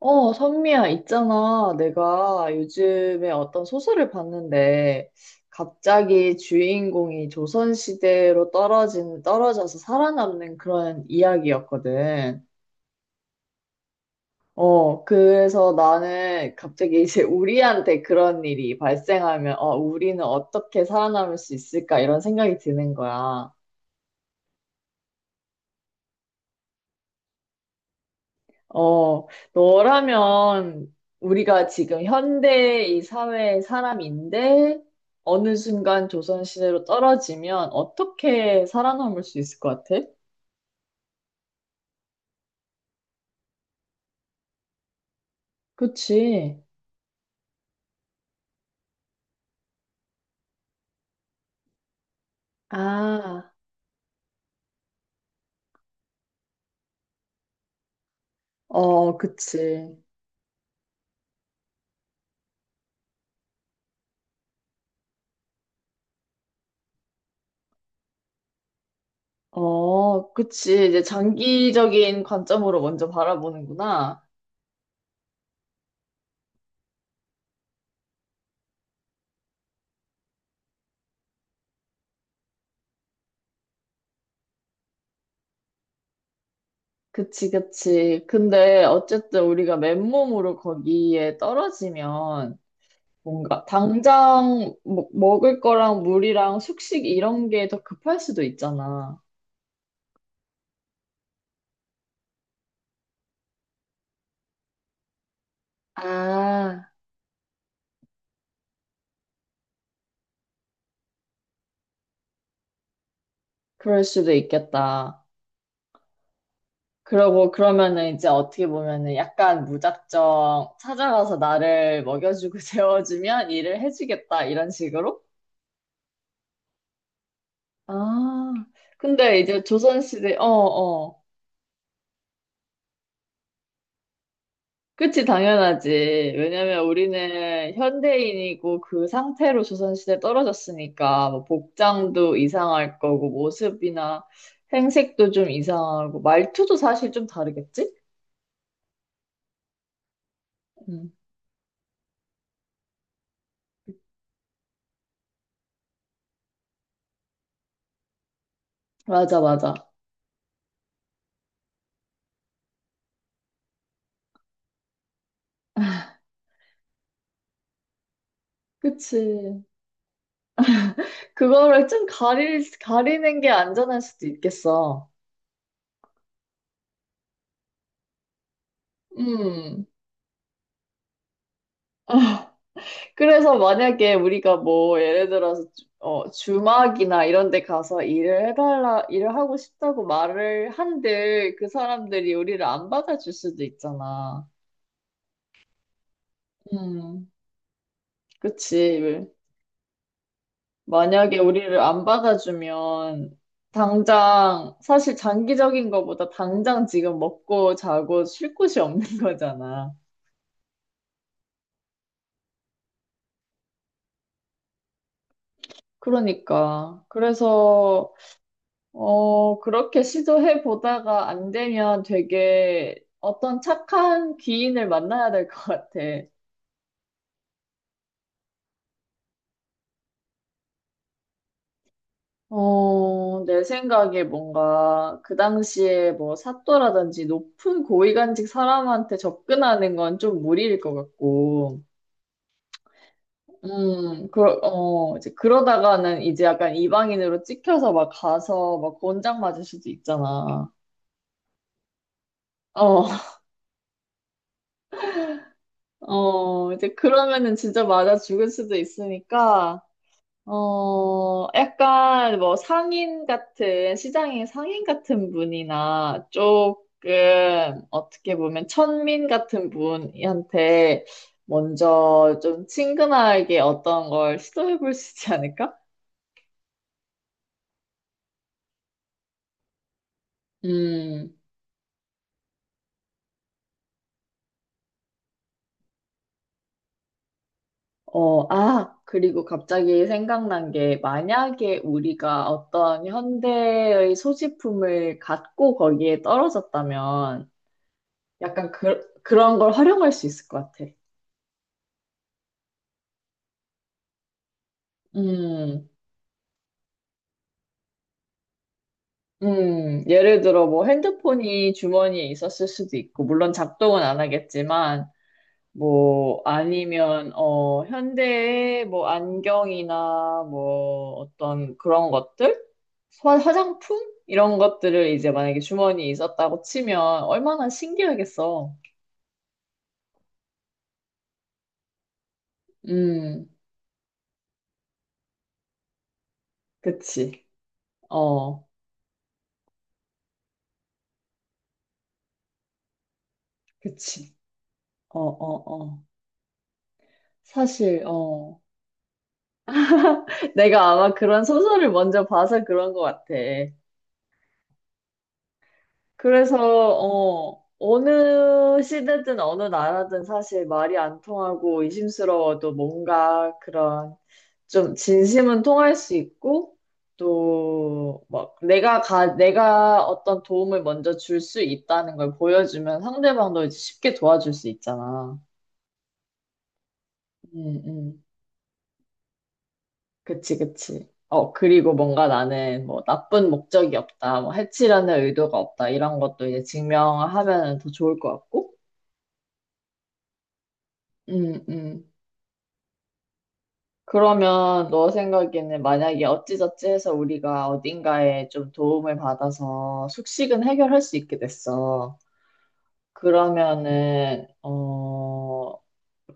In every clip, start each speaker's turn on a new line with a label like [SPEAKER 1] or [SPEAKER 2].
[SPEAKER 1] 선미야, 있잖아. 내가 요즘에 어떤 소설을 봤는데, 갑자기 주인공이 떨어져서 살아남는 그런 이야기였거든. 그래서 나는 갑자기 이제 우리한테 그런 일이 발생하면, 우리는 어떻게 살아남을 수 있을까? 이런 생각이 드는 거야. 어, 너라면 우리가 지금 현대 이 사회의 사람인데 어느 순간 조선시대로 떨어지면 어떻게 살아남을 수 있을 것 같아? 그치. 아, 그치. 그치. 이제 장기적인 관점으로 먼저 바라보는구나. 그치, 그치. 근데 어쨌든 우리가 맨몸으로 거기에 떨어지면 뭔가 당장 먹을 거랑 물이랑 숙식 이런 게 더 급할 수도 있잖아. 아, 그럴 수도 있겠다. 그러고 그러면은 이제 어떻게 보면은 약간 무작정 찾아가서 나를 먹여주고 재워주면 일을 해주겠다 이런 식으로? 아, 근데 이제 조선시대, 어, 어. 그치, 당연하지. 왜냐면 우리는 현대인이고 그 상태로 조선시대에 떨어졌으니까 뭐 복장도 이상할 거고 모습이나 행색도 좀 이상하고 말투도 사실 좀 다르겠지? 응. 맞아, 맞아. 그치. 그거를 좀 가리는 게 안전할 수도 있겠어. 음. 그래서 만약에 우리가 뭐 예를 들어서 주막이나 이런 데 가서 일을 해달라, 일을 하고 싶다고 말을 한들 그 사람들이 우리를 안 받아줄 수도 있잖아. 음, 그치. 만약에 우리를 안 받아주면 당장 사실 장기적인 거보다 당장 지금 먹고 자고 쉴 곳이 없는 거잖아. 그러니까. 그래서 그렇게 시도해 보다가 안 되면 되게 어떤 착한 귀인을 만나야 될 것 같아. 내 생각에 뭔가 그 당시에 뭐 사또라든지 높은 고위간직 사람한테 접근하는 건 좀 무리일 것 같고, 이제 그러다가는 이제 약간 이방인으로 찍혀서 막 가서 막 권장 맞을 수도 있잖아. 어, 이제 그러면은 진짜 맞아 죽을 수도 있으니까, 약간 뭐 상인 같은, 시장의 상인 같은 분이나 조금 어떻게 보면 천민 같은 분한테 먼저 좀 친근하게 어떤 걸 시도해 볼 수 있지 않을까? 음, 아, 그리고 갑자기 생각난 게 만약에 우리가 어떤 현대의 소지품을 갖고 거기에 떨어졌다면 약간 그런 걸 활용할 수 있을 것 같아. 음. 예를 들어 뭐 핸드폰이 주머니에 있었을 수도 있고, 물론 작동은 안 하겠지만, 뭐 아니면 어 현대의 뭐 안경이나 뭐 어떤 그런 것들, 화장품 이런 것들을 이제 만약에 주머니에 있었다고 치면 얼마나 신기하겠어. 음, 그치. 어, 그치. 어, 어, 어. 사실, 어. 내가 아마 그런 소설을 먼저 봐서 그런 것 같아. 그래서, 어느 시대든 어느 나라든 사실 말이 안 통하고 의심스러워도 뭔가 그런 좀 진심은 통할 수 있고 또 막 내가 어떤 도움을 먼저 줄 수 있다는 걸 보여주면 상대방도 이제 쉽게 도와줄 수 있잖아. 음, 음. 그치, 그치. 어, 그리고 뭔가 나는 뭐 나쁜 목적이 없다, 뭐 해치려는 의도가 없다, 이런 것도 이제 증명하면 더 좋을 것 같고. 음, 음. 그러면 너 생각에는 만약에 어찌저찌 해서 우리가 어딘가에 좀 도움을 받아서 숙식은 해결할 수 있게 됐어. 그러면은,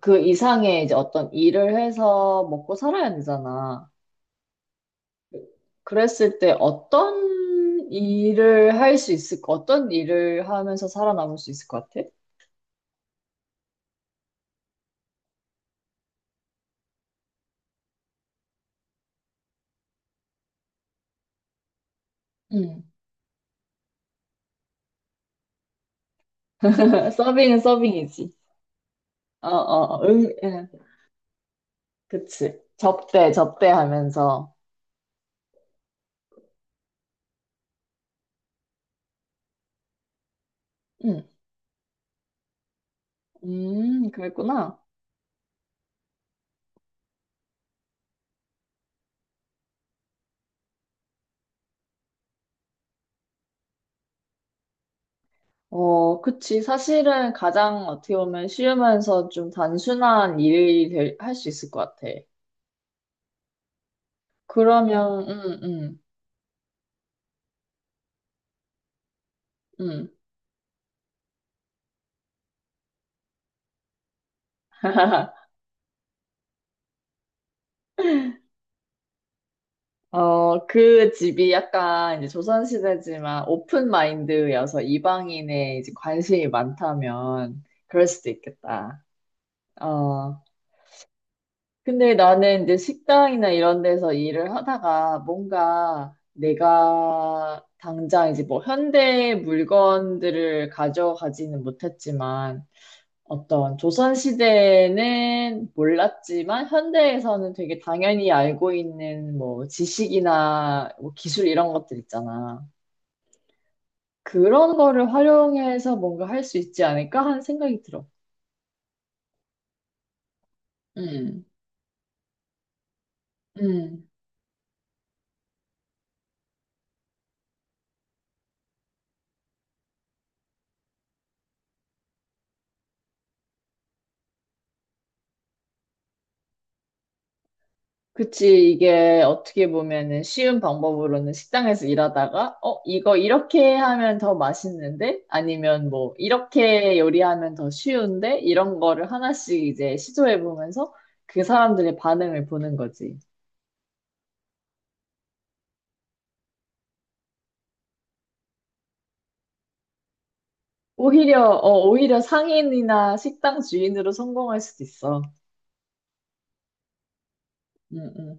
[SPEAKER 1] 그 이상의 이제 어떤 일을 해서 먹고 살아야 되잖아. 그랬을 때 어떤 일을 하면서 살아남을 수 있을 것 같아? 응. 서빙은 서빙이지. 어, 어, 응, 응. 그치. 접대하면서. 그랬구나. 어, 그치. 사실은 가장 어떻게 보면 쉬우면서 좀 단순한 일이 할 수 있을 것 같아. 그러면, 음. 그 집이 약간 이제 조선시대지만 오픈 마인드여서 이방인의 이제 관심이 많다면 그럴 수도 있겠다. 어, 근데 나는 이제 식당이나 이런 데서 일을 하다가 뭔가 내가 당장 이제 뭐 현대 물건들을 가져가지는 못했지만 어떤 조선시대에는 몰랐지만 현대에서는 되게 당연히 알고 있는 뭐 지식이나 뭐 기술 이런 것들 있잖아. 그런 거를 활용해서 뭔가 할 수 있지 않을까 하는 생각이 들어. 음, 음. 그치, 이게 어떻게 보면은 쉬운 방법으로는 식당에서 일하다가, 어, 이거 이렇게 하면 더 맛있는데? 아니면 뭐, 이렇게 요리하면 더 쉬운데? 이런 거를 하나씩 이제 시도해보면서 그 사람들의 반응을 보는 거지. 오히려, 어, 오히려 상인이나 식당 주인으로 성공할 수도 있어. 음, 음.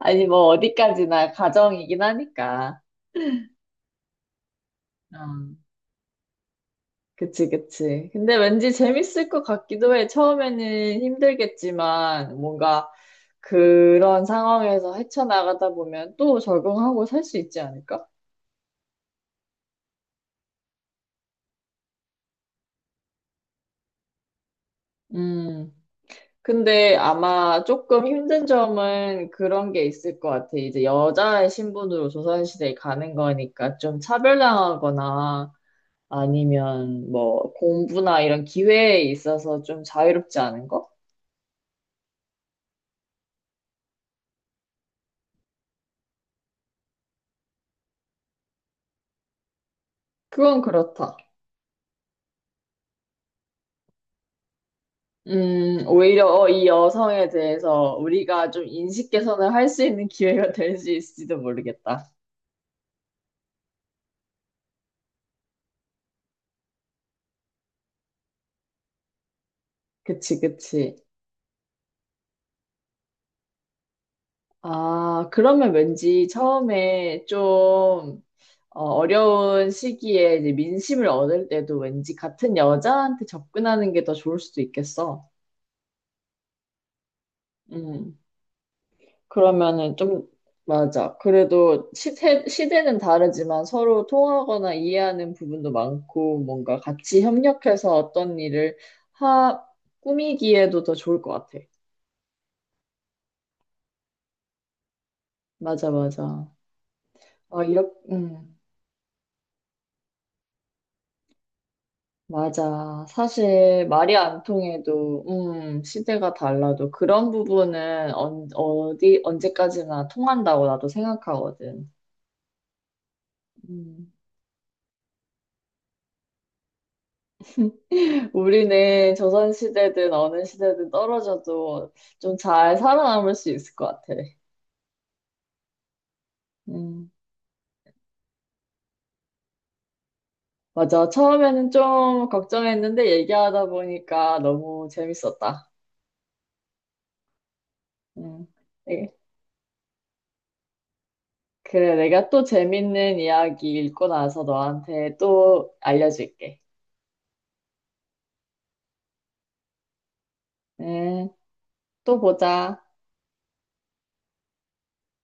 [SPEAKER 1] 아니, 뭐, 어디까지나 가정이긴 하니까. 어. 그치, 그치. 근데 왠지 재밌을 것 같기도 해. 처음에는 힘들겠지만, 뭔가 그런 상황에서 헤쳐나가다 보면 또 적응하고 살 수 있지 않을까? 음. 근데 아마 조금 힘든 점은 그런 게 있을 것 같아. 이제 여자의 신분으로 조선시대에 가는 거니까 좀 차별당하거나 아니면 뭐 공부나 이런 기회에 있어서 좀 자유롭지 않은 거? 그건 그렇다. 이 여성에 대해서 우리가 좀 인식 개선을 할 수 있는 기회가 될 수 있을지도 모르겠다. 그치, 그치. 아, 그러면 왠지 처음에 좀 어려운 시기에 이제 민심을 얻을 때도 왠지 같은 여자한테 접근하는 게 더 좋을 수도 있겠어. 음. 그러면은 좀, 맞아. 그래도 시대는 다르지만 서로 통하거나 이해하는 부분도 많고, 뭔가 같이 협력해서 어떤 일을 하, 꾸미기에도 더 좋을 것 같아. 맞아, 맞아. 아, 이렇게, 맞아. 사실 말이 안 통해도, 시대가 달라도 그런 부분은 언제까지나 통한다고 나도 생각하거든. 음. 우리는 조선시대든 어느 시대든 떨어져도 좀 잘 살아남을 수 있을 것 같아. 음, 맞아. 처음에는 좀 걱정했는데 얘기하다 보니까 너무 재밌었다. 음, 네. 그래, 내가 또 재밌는 이야기 읽고 나서 너한테 또 알려줄게. 음, 또 보자.